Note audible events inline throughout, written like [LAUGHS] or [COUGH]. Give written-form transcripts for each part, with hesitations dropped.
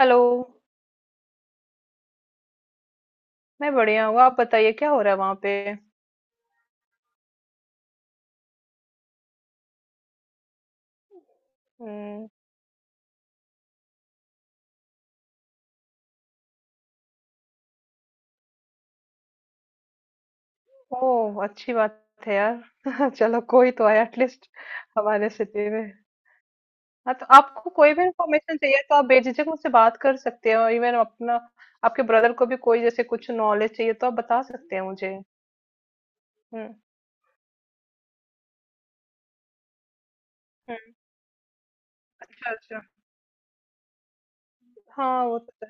Hello. मैं बढ़िया हूँ, आप बताइए क्या हो रहा है वहां पे। हम्म। ओह, अच्छी बात है यार। [LAUGHS] चलो, कोई तो आया एटलीस्ट हमारे सिटी में। हाँ तो आपको कोई भी इंफॉर्मेशन चाहिए तो आप बेझिझक मुझसे बात कर सकते हो। इवन अपना आपके ब्रदर को भी कोई जैसे कुछ नॉलेज चाहिए तो आप बता सकते हैं मुझे। हम्म। हम्म। अच्छा, अच्छा। हाँ वो तो।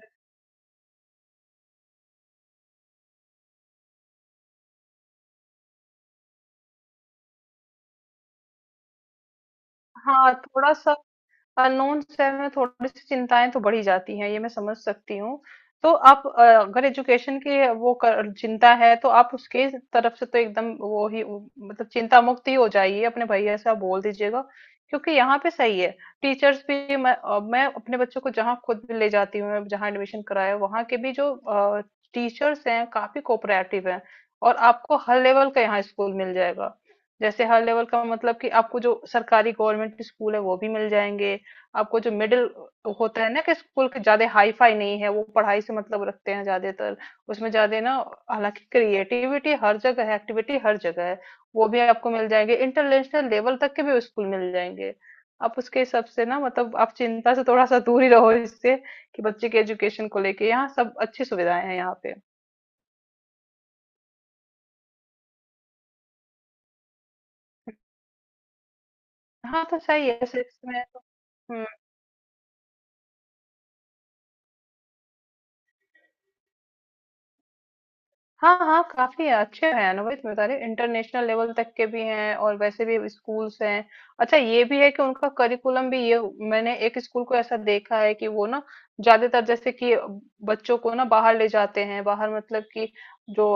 हाँ, थोड़ा सा अननोन से हमें थोड़ी सी चिंताएँ तो बढ़ ही जाती हैं, ये मैं समझ सकती हूँ। तो आप अगर एजुकेशन की वो कर चिंता है तो आप उसके तरफ से तो एकदम वो ही उ, मतलब चिंता मुक्त ही हो जाइए, अपने भैया से आप बोल दीजिएगा। क्योंकि यहाँ पे सही है, टीचर्स भी मैं अपने बच्चों को जहाँ खुद भी ले जाती हूँ, जहाँ एडमिशन कराया वहाँ के भी जो टीचर्स हैं काफ़ी कोऑपरेटिव हैं। और आपको हर लेवल का यहाँ स्कूल मिल जाएगा। जैसे हर लेवल का मतलब कि आपको जो सरकारी गवर्नमेंट स्कूल है वो भी मिल जाएँगे। आपको जो मिडिल होता है ना, कि स्कूल के ज्यादा हाई फाई नहीं है, वो पढ़ाई से मतलब रखते हैं ज्यादातर, उसमें ज्यादा ना। हालांकि क्रिएटिविटी हर जगह है, एक्टिविटी हर जगह है, वो भी आपको मिल जाएंगे, इंटरनेशनल लेवल तक के भी स्कूल मिल जाएंगे। आप उसके हिसाब से ना, मतलब आप चिंता से थोड़ा सा दूर ही रहो इससे, कि बच्चे के एजुकेशन को लेके यहाँ सब अच्छी सुविधाएं हैं यहाँ पे। हाँ तो सही है सिक्स में तो। हम्म। हाँ हाँ, काफी है, अच्छे हैं, अनुभवित बता रही, इंटरनेशनल लेवल तक के भी हैं और वैसे भी स्कूल्स हैं। अच्छा, ये भी है कि उनका करिकुलम भी ये, मैंने एक स्कूल को ऐसा देखा है कि वो ना ज्यादातर जैसे कि बच्चों को ना बाहर ले जाते हैं। बाहर मतलब कि जो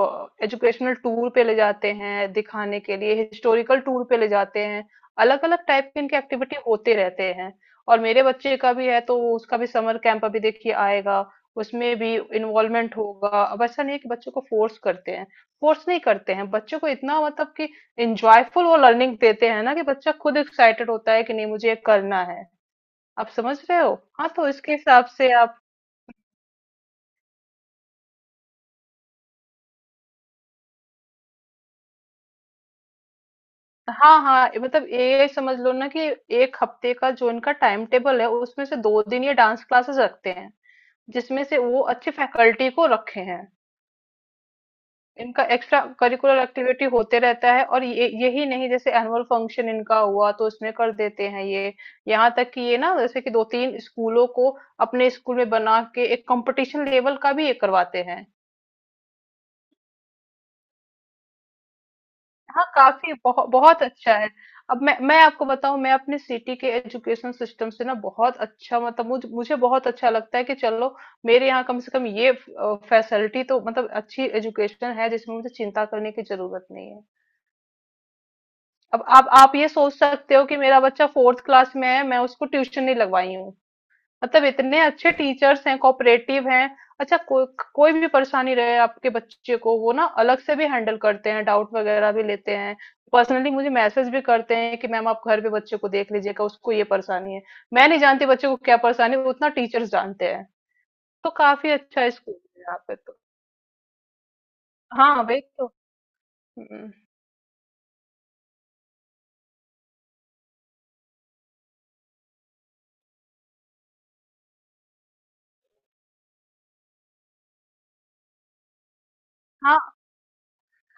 एजुकेशनल टूर पे ले जाते हैं दिखाने के लिए, हिस्टोरिकल टूर पे ले जाते हैं। अलग अलग टाइप के इनके एक्टिविटी होते रहते हैं। और मेरे बच्चे का भी है, तो उसका भी समर कैंप अभी देखिए आएगा, उसमें भी इन्वॉल्वमेंट होगा। अब ऐसा नहीं है कि बच्चों को फोर्स करते हैं। फोर्स नहीं करते हैं बच्चों को इतना, मतलब कि इंजॉयफुल वो लर्निंग देते हैं ना, कि बच्चा खुद एक्साइटेड होता है कि नहीं मुझे ये करना है। आप समझ रहे हो। हाँ तो इसके हिसाब से आप। हाँ हाँ, ये मतलब ये समझ लो ना कि 1 हफ्ते का जो इनका टाइम टेबल है, उसमें से 2 दिन ये डांस क्लासेस रखते हैं, जिसमें से वो अच्छे फैकल्टी को रखे हैं। इनका एक्स्ट्रा करिकुलर एक्टिविटी होते रहता है। और ये यही नहीं, जैसे एनुअल फंक्शन इनका हुआ तो इसमें कर देते हैं ये। यहाँ तक कि ये ना, जैसे कि 2-3 स्कूलों को अपने स्कूल में बना के एक कंपटीशन लेवल का भी ये करवाते हैं। हाँ, काफी बहुत बहुत अच्छा है। अब मैं आपको बताऊं, मैं अपने सिटी के एजुकेशन सिस्टम से ना बहुत अच्छा, मतलब मुझे मुझे बहुत अच्छा लगता है कि चलो मेरे यहाँ कम से कम ये फैसिलिटी तो, मतलब अच्छी एजुकेशन है जिसमें मुझे चिंता करने की जरूरत नहीं है। अब आप ये सोच सकते हो कि मेरा बच्चा फोर्थ क्लास में है, मैं उसको ट्यूशन नहीं लगवाई हूँ। मतलब इतने अच्छे टीचर्स हैं, कोऑपरेटिव हैं। अच्छा। कोई भी परेशानी रहे आपके बच्चे को, वो ना अलग से भी हैंडल करते हैं, डाउट वगैरह भी लेते हैं। पर्सनली मुझे मैसेज भी करते हैं कि मैम आप घर पे बच्चे को देख लीजिएगा, उसको ये परेशानी है। मैं नहीं जानती बच्चे को क्या परेशानी है, उतना टीचर्स जानते हैं। तो काफी अच्छा स्कूल है यहाँ पे तो। हाँ वही तो। हम्म। हाँ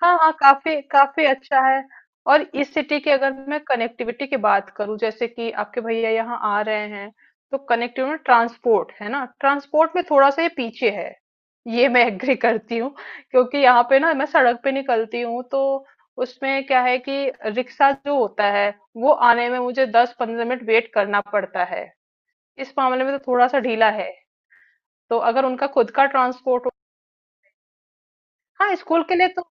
हाँ हाँ, काफी काफी अच्छा है। और इस सिटी की अगर मैं कनेक्टिविटी की बात करूं, जैसे कि आपके भैया यहाँ आ रहे हैं, तो कनेक्टिविटी में ट्रांसपोर्ट है ना, ट्रांसपोर्ट में थोड़ा सा ये पीछे है, ये मैं एग्री [LAUGHS] करती हूँ। क्योंकि यहाँ पे ना मैं सड़क पे निकलती हूँ, तो उसमें क्या है कि रिक्शा जो होता है, वो आने में मुझे 10-15 मिनट वेट करना पड़ता है। इस मामले में तो थोड़ा सा ढीला है, तो अगर उनका खुद का ट्रांसपोर्ट हो। हाँ स्कूल के लिए तो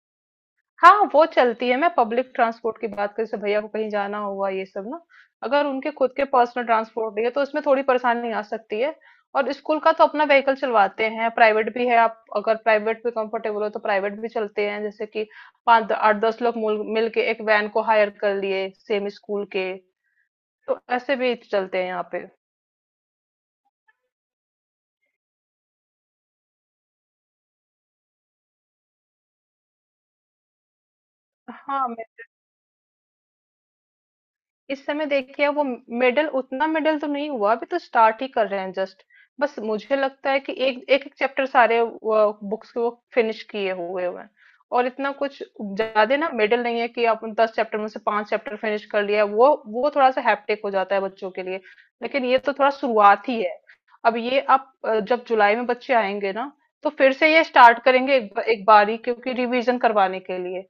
हाँ, वो चलती है, मैं पब्लिक ट्रांसपोर्ट की बात कर, जैसे भैया को कहीं जाना हुआ ये सब ना, अगर उनके खुद के पर्सनल ट्रांसपोर्ट नहीं है तो उसमें थोड़ी परेशानी आ सकती है। और स्कूल का तो अपना व्हीकल चलवाते हैं, प्राइवेट भी है, आप अगर प्राइवेट में कंफर्टेबल हो तो प्राइवेट भी चलते हैं, जैसे कि 5 8-10 लोग मिल के एक वैन को हायर कर लिए सेम स्कूल के, तो ऐसे भी चलते हैं यहाँ पे। हाँ, इस समय देखिए वो मेडल, उतना मेडल तो नहीं हुआ, अभी तो स्टार्ट ही कर रहे हैं जस्ट। बस मुझे लगता है कि एक एक एक चैप्टर सारे बुक्स को फिनिश किए हुए हुए हैं। और इतना कुछ ज्यादा ना मेडल नहीं है कि आप 10 चैप्टर में से 5 चैप्टर फिनिश कर लिया, वो थोड़ा सा हैप्टिक हो जाता है बच्चों के लिए। लेकिन ये तो थोड़ा शुरुआत ही है। अब ये आप जब जुलाई में बच्चे आएंगे ना, तो फिर से ये स्टार्ट करेंगे एक बारी, क्योंकि रिवीजन करवाने के लिए।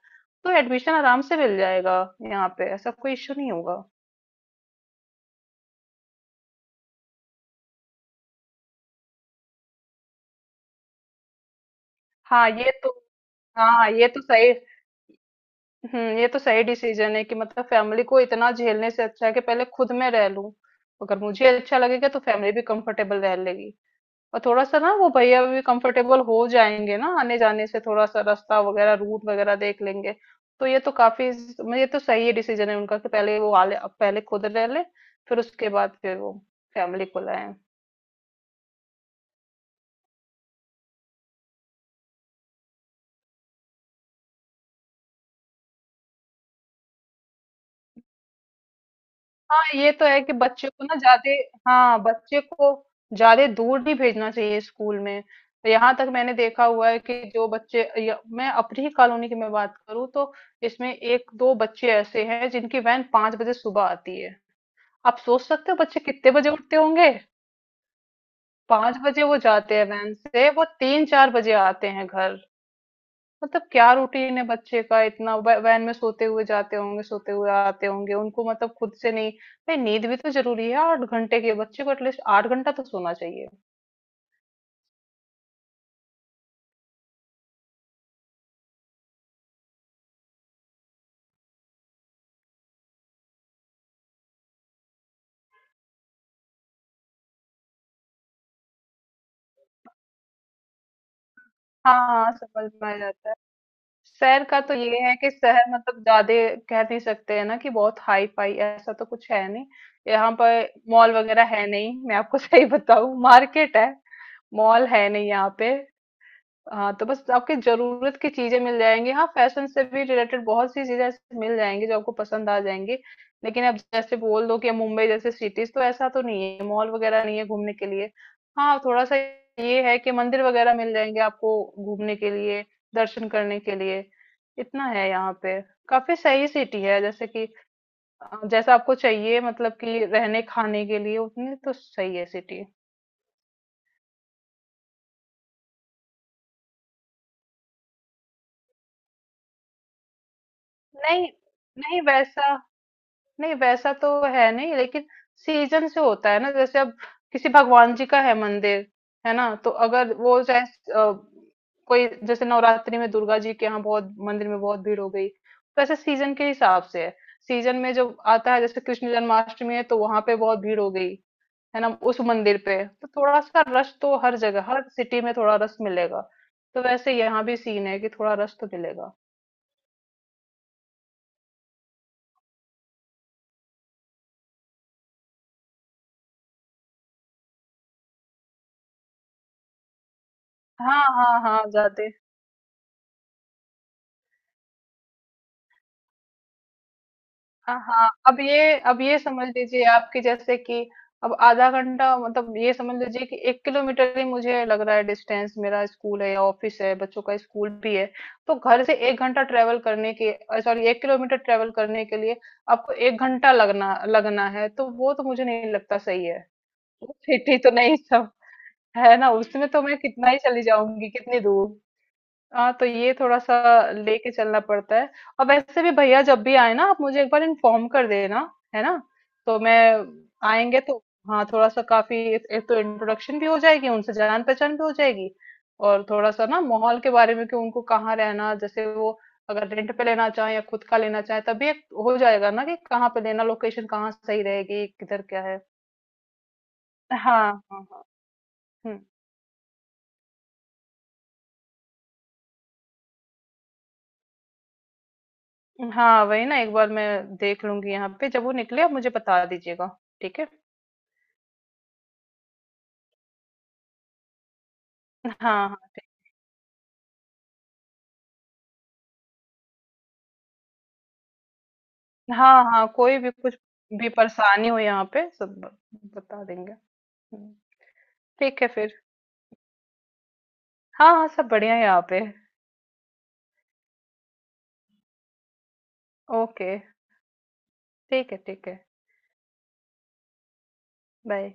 तो एडमिशन आराम से मिल जाएगा, यहाँ पे ऐसा कोई इश्यू नहीं होगा। हाँ ये तो। हाँ ये तो सही। ये तो सही डिसीजन है कि मतलब फैमिली को इतना झेलने से अच्छा है कि पहले खुद में रह लूं। अगर मुझे अच्छा लगेगा तो फैमिली भी कंफर्टेबल रह लेगी। और थोड़ा सा ना वो भैया भी कंफर्टेबल हो जाएंगे ना, आने जाने से थोड़ा सा रास्ता वगैरह, रूट वगैरह देख लेंगे। तो ये तो काफी, मतलब ये तो सही डिसीजन है उनका कि पहले वो आले, पहले खुद रह ले, फिर उसके बाद फिर वो फैमिली को लाए। हाँ ये तो है कि बच्चों को ना ज्यादा, हाँ बच्चे को ज्यादा दूर नहीं भेजना चाहिए स्कूल में। तो यहाँ तक मैंने देखा हुआ है कि जो बच्चे या, मैं अपनी ही कॉलोनी की मैं बात करूँ तो, इसमें एक दो बच्चे ऐसे हैं जिनकी वैन 5 बजे सुबह आती है। आप सोच सकते हो बच्चे कितने बजे उठते होंगे। 5 बजे वो जाते हैं वैन से, वो 3-4 बजे आते हैं घर। मतलब क्या रूटीन है बच्चे का, इतना वैन में सोते हुए जाते होंगे, सोते हुए आते होंगे, उनको मतलब खुद से नहीं। भाई नींद भी तो जरूरी है, 8 घंटे के बच्चे को एटलीस्ट 8 घंटा तो सोना चाहिए। हाँ हाँ, समझ में आ जाता है। शहर का तो ये है कि शहर मतलब ज्यादा कह नहीं सकते हैं ना, कि बहुत हाई फाई ऐसा तो कुछ है नहीं। यहाँ पर मॉल वगैरह है नहीं, मैं आपको [LAUGHS] सही बताऊं, मार्केट है, मॉल है नहीं यहाँ पे। हाँ तो बस आपकी जरूरत की चीजें मिल जाएंगी, हाँ फैशन से भी रिलेटेड बहुत सी चीजें ऐसी मिल जाएंगी जो आपको पसंद आ जाएंगी। लेकिन अब जैसे बोल दो कि मुंबई जैसे सिटीज तो, ऐसा तो नहीं है, मॉल वगैरह नहीं है घूमने के लिए। हाँ थोड़ा सा ये है कि मंदिर वगैरह मिल जाएंगे आपको घूमने के लिए, दर्शन करने के लिए, इतना है यहाँ पे। काफी सही सिटी है, जैसे कि जैसा आपको चाहिए मतलब कि रहने खाने के लिए, उतनी तो सही है सिटी। नहीं नहीं वैसा, नहीं वैसा तो है नहीं, लेकिन सीजन से होता है ना, जैसे अब किसी भगवान जी का है मंदिर, है ना, तो अगर वो चाहे अ, कोई जैसे नवरात्रि में दुर्गा जी के यहाँ बहुत मंदिर में बहुत भीड़ हो गई, तो ऐसे सीजन के हिसाब से है। सीजन में जो आता है, जैसे कृष्ण जन्माष्टमी है तो वहां पे बहुत भीड़ हो गई, है ना उस मंदिर पे, तो थोड़ा सा रश तो हर जगह, हर सिटी में थोड़ा रश मिलेगा। तो वैसे यहाँ भी सीन है कि थोड़ा रश तो मिलेगा। हाँ हाँ हाँ जाते। हाँ हाँ, अब ये समझ लीजिए आपकी, जैसे कि अब आधा घंटा, मतलब ये समझ लीजिए कि 1 किलोमीटर ही मुझे लग रहा है डिस्टेंस, मेरा स्कूल है या ऑफिस है, बच्चों का स्कूल भी है। तो घर से 1 घंटा ट्रेवल करने के, सॉरी 1 किलोमीटर ट्रेवल करने के लिए आपको 1 घंटा लगना लगना है, तो वो तो मुझे नहीं लगता सही है। वो सिटी तो नहीं सब, है ना, उसमें तो मैं कितना ही चली जाऊंगी कितनी दूर। हाँ तो ये थोड़ा सा लेके चलना पड़ता है। और वैसे भी भैया जब भी आए ना, आप मुझे एक बार इन्फॉर्म कर देना, है ना, तो मैं आएंगे तो हाँ, थोड़ा सा काफी एक एक तो इंट्रोडक्शन भी हो जाएगी उनसे, जान पहचान भी हो जाएगी। और थोड़ा सा ना माहौल के बारे में कि उनको कहाँ रहना, जैसे वो अगर रेंट पे लेना चाहे या खुद का लेना चाहे, तभी एक हो जाएगा ना कि कहाँ पे लेना, लोकेशन कहाँ सही रहेगी, किधर क्या है। हाँ हाँ हाँ। हम्म। हाँ वही ना, एक बार मैं देख लूंगी यहाँ पे, जब वो निकले आप मुझे बता दीजिएगा, ठीक है। हाँ हाँ हाँ हाँ, कोई भी कुछ भी परेशानी हो यहाँ पे सब बता देंगे। हम्म। ठीक है फिर। हाँ हाँ, सब बढ़िया है यहाँ पे। ओके, ठीक है ठीक है, बाय।